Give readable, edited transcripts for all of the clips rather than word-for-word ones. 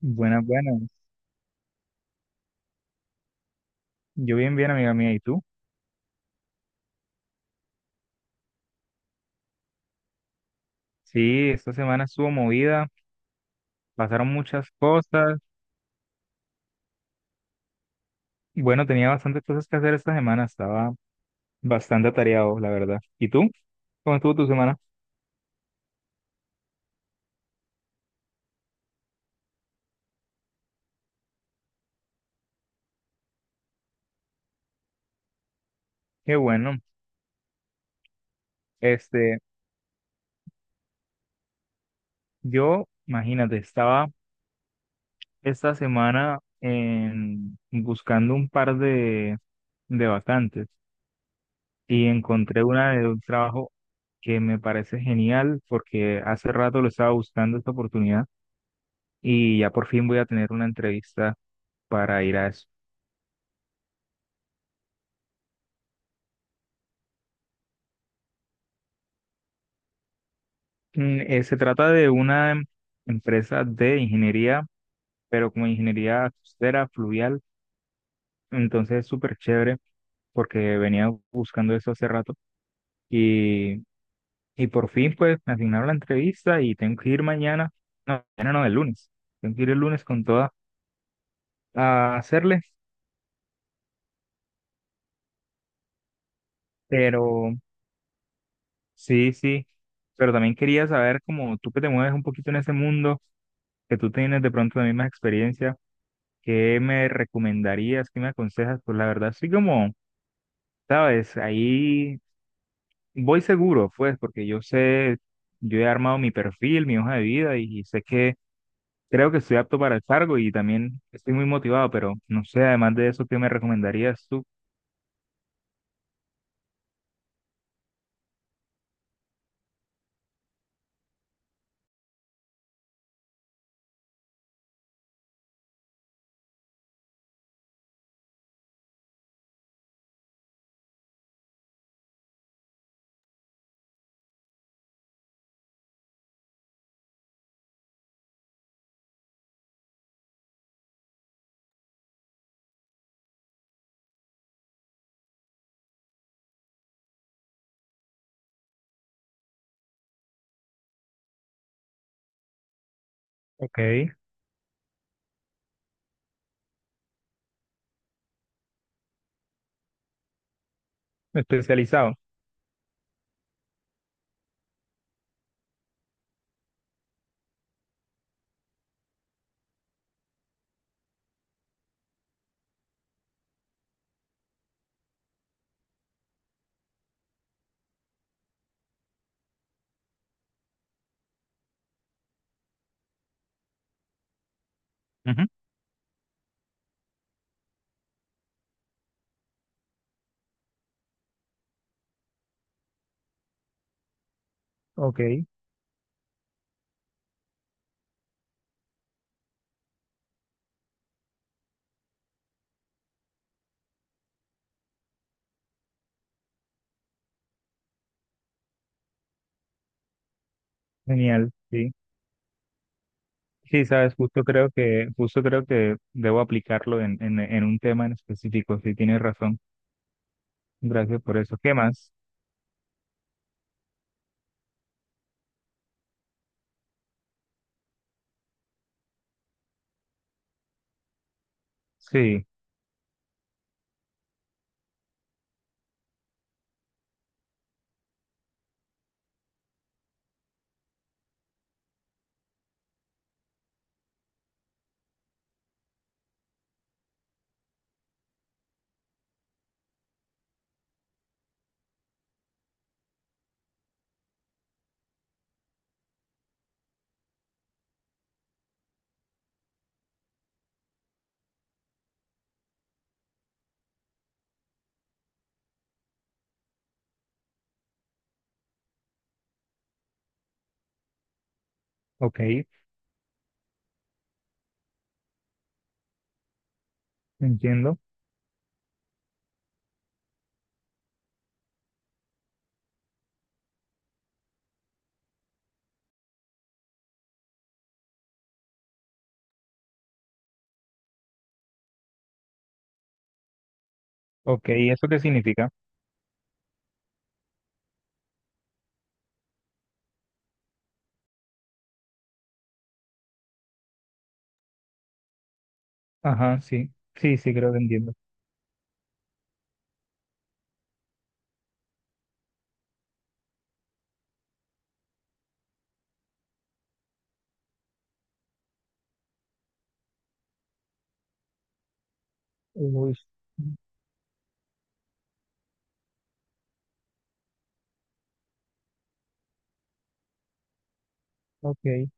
Buenas, buenas. Yo bien, bien, amiga mía. ¿Y tú? Sí, esta semana estuvo movida, pasaron muchas cosas. Bueno, tenía bastantes cosas que hacer esta semana, estaba bastante atareado, la verdad. ¿Y tú? ¿Cómo estuvo tu semana? Qué bueno. Este, yo, imagínate, estaba esta semana buscando un par de vacantes y encontré una de un trabajo que me parece genial porque hace rato lo estaba buscando esta oportunidad. Y ya por fin voy a tener una entrevista para ir a eso. Se trata de una empresa de ingeniería, pero como ingeniería costera, fluvial, entonces es súper chévere porque venía buscando eso hace rato y, y por fin pues me asignaron la entrevista y tengo que ir mañana no, el lunes, tengo que ir el lunes con toda a hacerle, pero sí, sí, pero también quería saber como tú que te mueves un poquito en ese mundo, que tú tienes de pronto la misma experiencia. ¿Qué me recomendarías? ¿Qué me aconsejas? Pues la verdad, sí como, sabes, ahí voy seguro, pues, porque yo sé, yo he armado mi perfil, mi hoja de vida sé que creo que estoy apto para el cargo y también estoy muy motivado, pero no sé, además de eso, ¿qué me recomendarías tú? Ok, especializado. Ujú. Ok, genial, sí. Sí, sabes, justo creo que debo aplicarlo en un tema en específico, sí, tienes razón. Gracias por eso. ¿Qué más? Sí, ok. Entiendo. Ok, ¿y eso qué significa? Ajá, sí. Sí, sí, creo que entiendo. Uy, ok.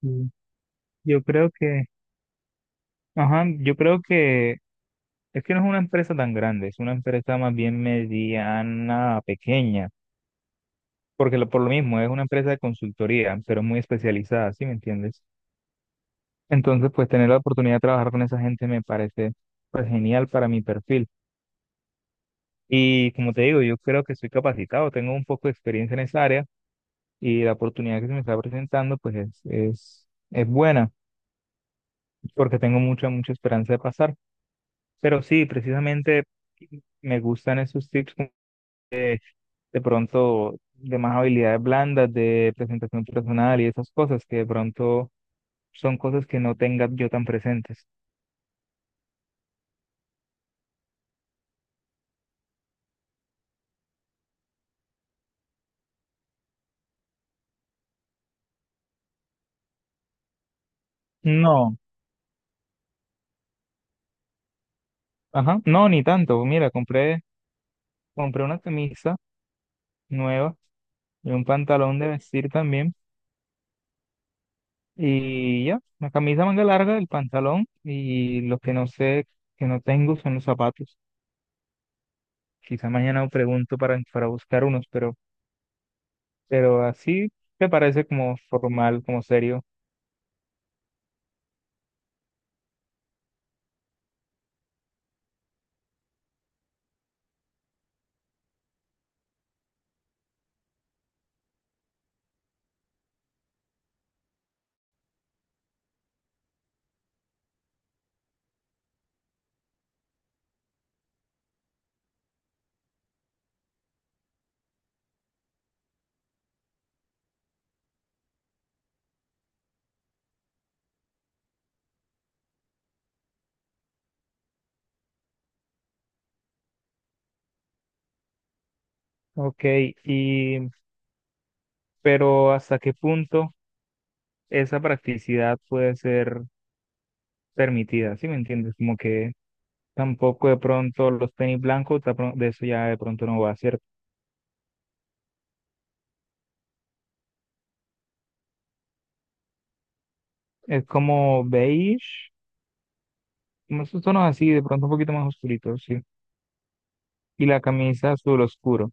Sí. Yo creo que, ajá, yo creo que es que no es una empresa tan grande, es una empresa más bien mediana, pequeña, porque por lo mismo es una empresa de consultoría, pero muy especializada, ¿sí me entiendes? Entonces, pues tener la oportunidad de trabajar con esa gente me parece pues genial para mi perfil. Y como te digo, yo creo que soy capacitado, tengo un poco de experiencia en esa área. Y la oportunidad que se me está presentando pues es buena porque tengo mucha, mucha esperanza de pasar. Pero sí, precisamente me gustan esos tips como de pronto de más habilidades blandas, de presentación personal y esas cosas que de pronto son cosas que no tenga yo tan presentes. No, ajá, no, ni tanto. Mira, compré una camisa nueva y un pantalón de vestir también. Y ya, la camisa manga larga, el pantalón y lo que no sé, que no tengo son los zapatos. Quizá mañana pregunto para buscar unos, pero así te parece como formal, como serio. Ok, y, pero ¿hasta qué punto esa practicidad puede ser permitida? ¿Sí me entiendes? Como que tampoco de pronto los tenis blancos, de de eso ya de pronto no va, ¿cierto? Es como beige, como esos tonos así, de pronto un poquito más oscuritos, ¿sí? Y la camisa azul oscuro.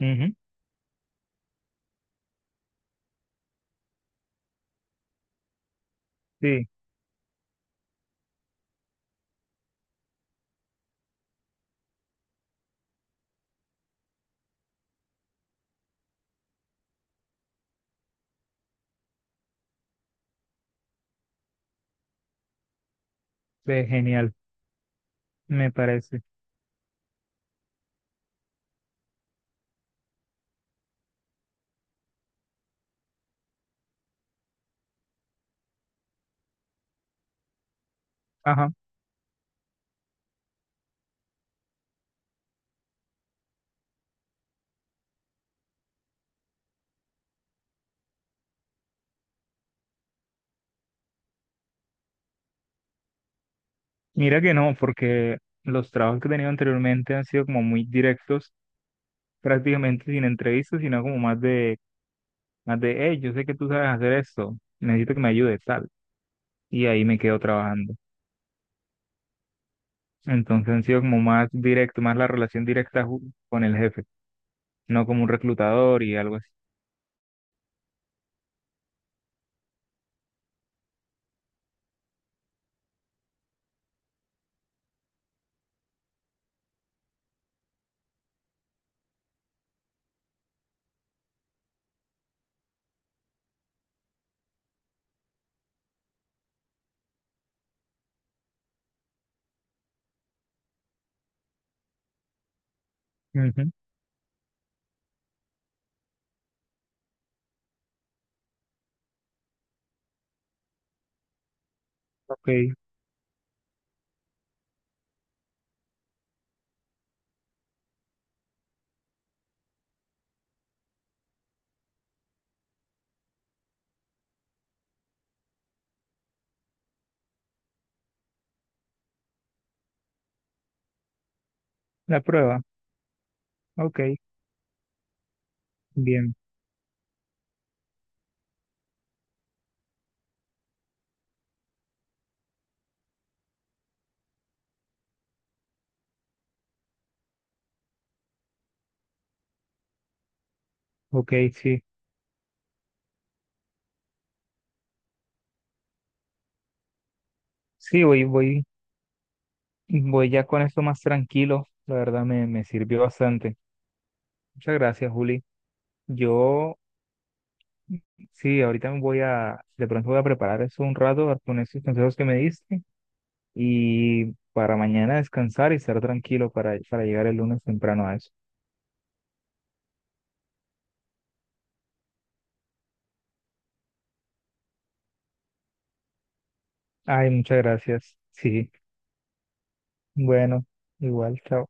Ujú. Sí, ve genial, me parece. Ajá. Mira que no, porque los trabajos que he tenido anteriormente han sido como muy directos, prácticamente sin entrevistas, sino como más de, hey, yo sé que tú sabes hacer esto, necesito que me ayudes, tal. Y ahí me quedo trabajando. Entonces han sido como más directo, más la relación directa con el jefe, no como un reclutador y algo así. Ujú. Ok, la prueba, ok, bien, ok, sí. Sí, voy, voy. Voy ya con esto más tranquilo, la verdad me, me sirvió bastante. Muchas gracias, Juli. Yo, sí, ahorita me voy a, de pronto voy a preparar eso un rato con esos consejos que me diste y para mañana descansar y estar tranquilo para llegar el lunes temprano a eso. Ay, muchas gracias. Sí, bueno, igual, chao.